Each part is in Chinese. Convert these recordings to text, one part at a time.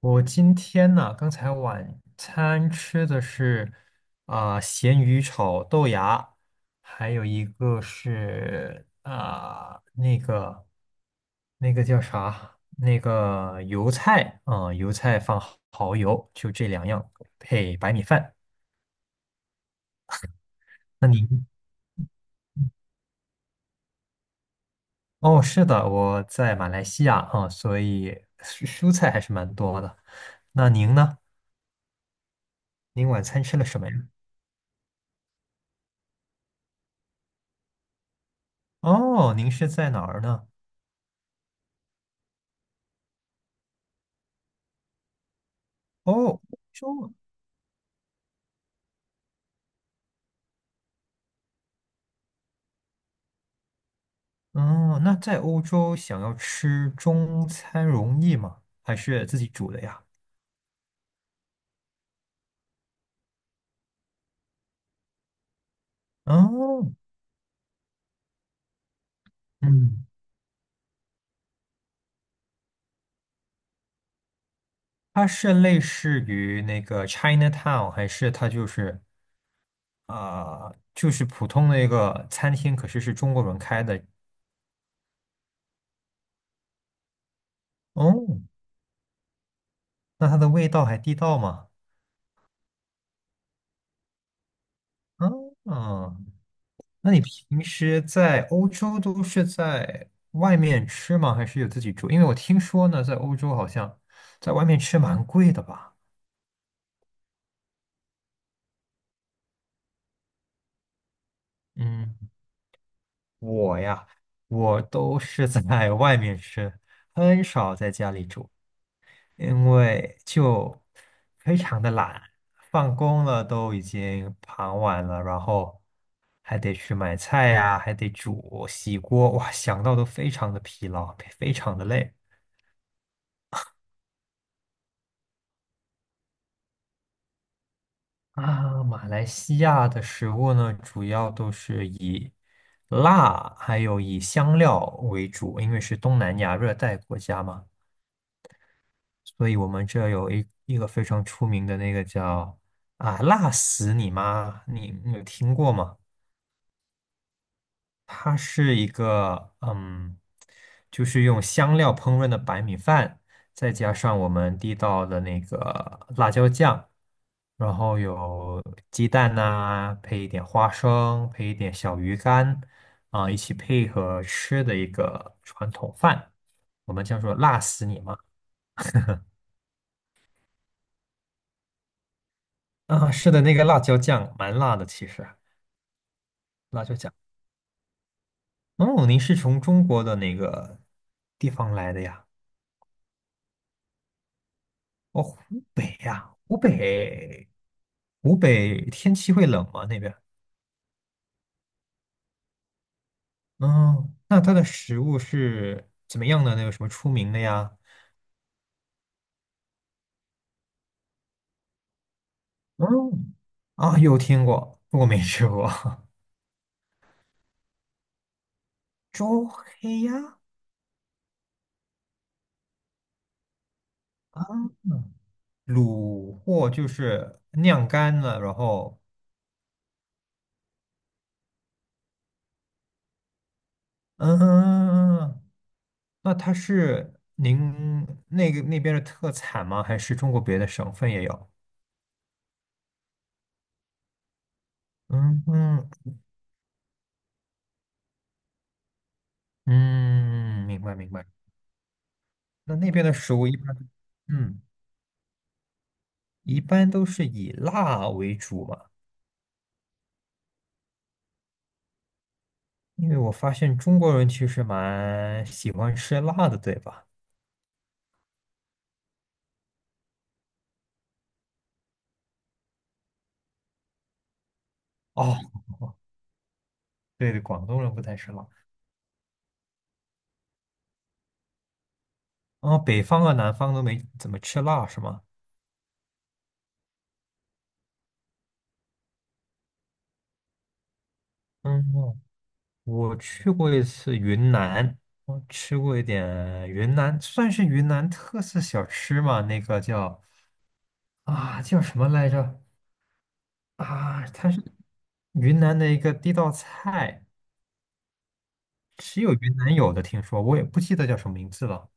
我今天呢，刚才晚餐吃的是咸鱼炒豆芽，还有一个是那个叫啥？那个油菜油菜放蚝油，就这两样配白米饭。那您哦，是的，我在马来西亚所以蔬菜还是蛮多的。那您呢？您晚餐吃了什么呀？哦，您是在哪儿呢？哦，欧洲。哦，那在欧洲想要吃中餐容易吗？还是自己煮的呀？哦，嗯，它是类似于那个 Chinatown，还是它就是就是普通的一个餐厅，可是是中国人开的？哦，那它的味道还地道吗？嗯，那你平时在欧洲都是在外面吃吗？还是有自己煮？因为我听说呢，在欧洲好像在外面吃蛮贵的吧。嗯，我呀，我都是在外面吃，很少在家里煮，因为就非常的懒，放工了都已经傍晚了，然后还得去买菜呀，还得煮、洗锅，哇，想到都非常的疲劳，非常的累。啊，马来西亚的食物呢，主要都是以辣还有以香料为主，因为是东南亚热带国家嘛。所以我们这有一个非常出名的那个叫啊辣死你妈，你有听过吗？它是一个嗯，就是用香料烹饪的白米饭，再加上我们地道的那个辣椒酱，然后有鸡蛋呐、配一点花生，配一点小鱼干一起配合吃的一个传统饭，我们叫做辣死你妈。啊，是的，那个辣椒酱蛮辣的，其实。辣椒酱。哦，您是从中国的哪个地方来的呀？哦，湖北呀，湖北，湖北天气会冷吗？那边？嗯，那它的食物是怎么样的那个什么出名的呀？嗯，啊，有听过，不过没吃过。周黑鸭，卤货就是晾干了，然后，嗯，嗯嗯那它是您那个那边的特产吗？还是中国别的省份也有？嗯嗯嗯，明白明白。那那边的食物一般，嗯，一般都是以辣为主嘛，因为我发现中国人其实蛮喜欢吃辣的，对吧？哦，对对，广东人不太吃辣。哦，北方和南方都没怎么吃辣，是吗？嗯，我去过一次云南，我吃过一点云南，算是云南特色小吃嘛，那个叫啊叫什么来着？啊，它是云南的一个地道菜，只有云南有的，听说我也不记得叫什么名字了。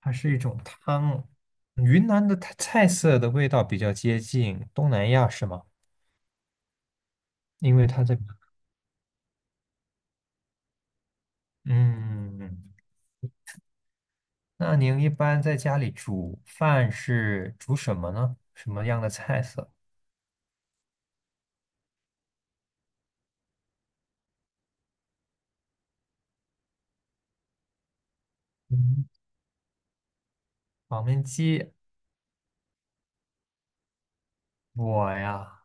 它是一种汤，云南的它菜色的味道比较接近东南亚，是吗？因为它在，嗯，那您一般在家里煮饭是煮什么呢？什么样的菜色？嗯，黄焖鸡，我呀。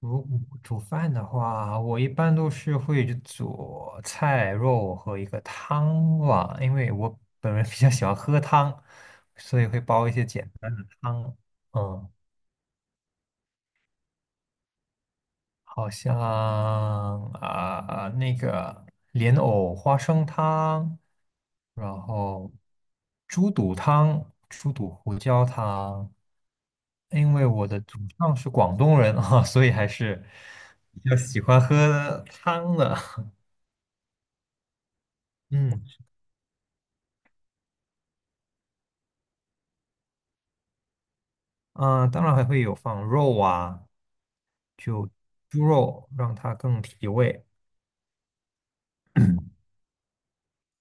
如果煮饭的话，我一般都是会去做菜肉和一个汤吧，因为我本人比较喜欢喝汤，所以会煲一些简单的汤。嗯，好像那个莲藕花生汤，然后猪肚汤、猪肚胡椒汤。因为我的祖上是广东人啊，所以还是比较喜欢喝汤的。嗯。啊，当然还会有放肉啊，就猪肉让它更提味。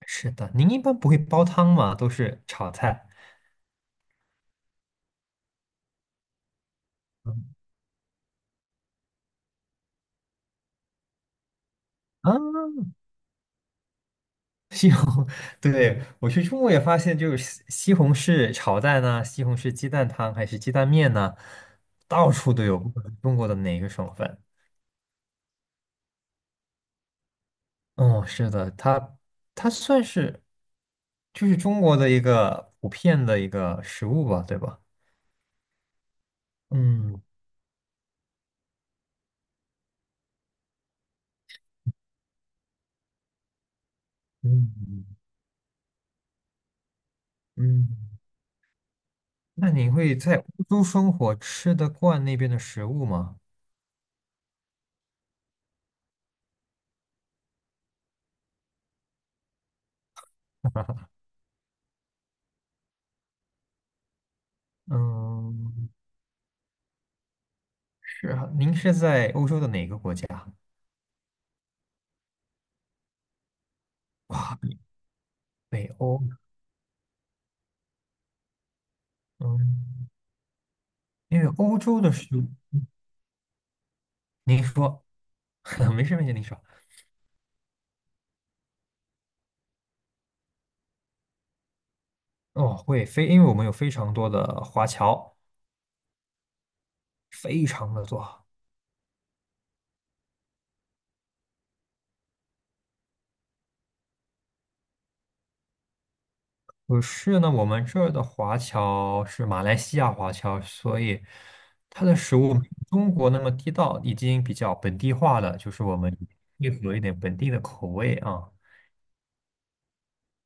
是的，您一般不会煲汤吗？都是炒菜。嗯啊，西红，对，我去中国也发现，就是西红柿炒蛋呢、西红柿鸡蛋汤还是鸡蛋面呢、到处都有，不管是中国的哪个省份。哦，是的，它算是就是中国的一个普遍的一个食物吧，对吧？嗯嗯嗯。那你会在欧洲生活，吃得惯那边的食物吗？嗯，是啊，您是在欧洲的哪个国家？北欧。嗯，因为欧洲的食物，您说，没事没事，您说。哦，会非，因为我们有非常多的华侨，非常的多。不是呢，我们这儿的华侨是马来西亚华侨，所以它的食物没有中国那么地道，已经比较本地化了，就是我们配合一点本地的口味啊，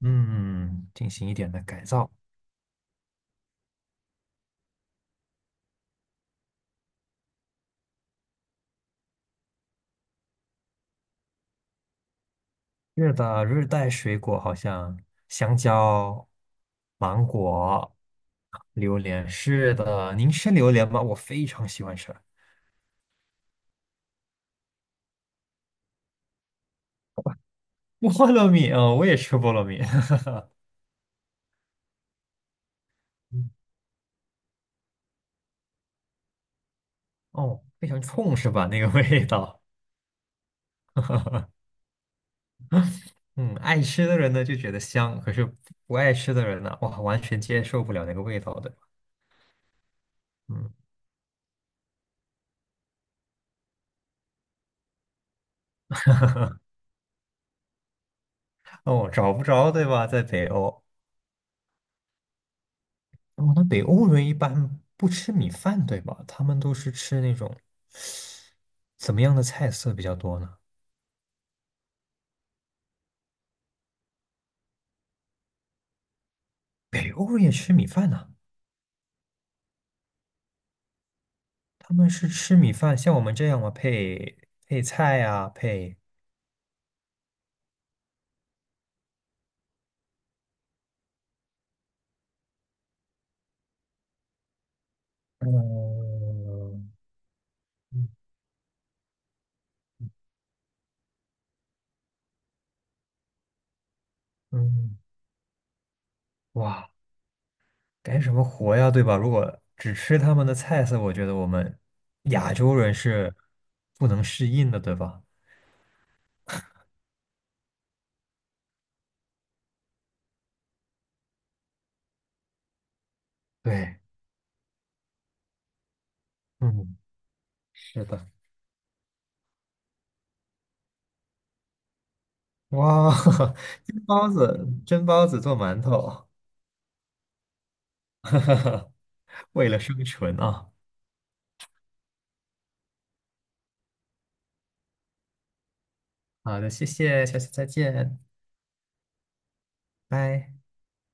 嗯，进行一点的改造。是的，热带水果好像香蕉、芒果、榴莲。是的，您吃榴莲吗？我非常喜欢吃菠萝蜜啊，我也吃菠萝蜜。哦，非常冲是吧？那个味道。嗯，爱吃的人呢就觉得香，可是不爱吃的人呢，哇，完全接受不了那个味道，的。嗯，哦，找不着，对吧？在北欧，哦，那北欧人一般不吃米饭，对吧？他们都是吃那种怎么样的菜色比较多呢？北欧人也吃米饭呢、他们是吃米饭，像我们这样吗？配配菜啊，配嗯嗯，嗯哇。干什么活呀，对吧？如果只吃他们的菜色，我觉得我们亚洲人是不能适应的，对吧？对，嗯，是的。哇，蒸包子，蒸包子做馒头，为了生存啊！好的，谢谢，下次再见，拜。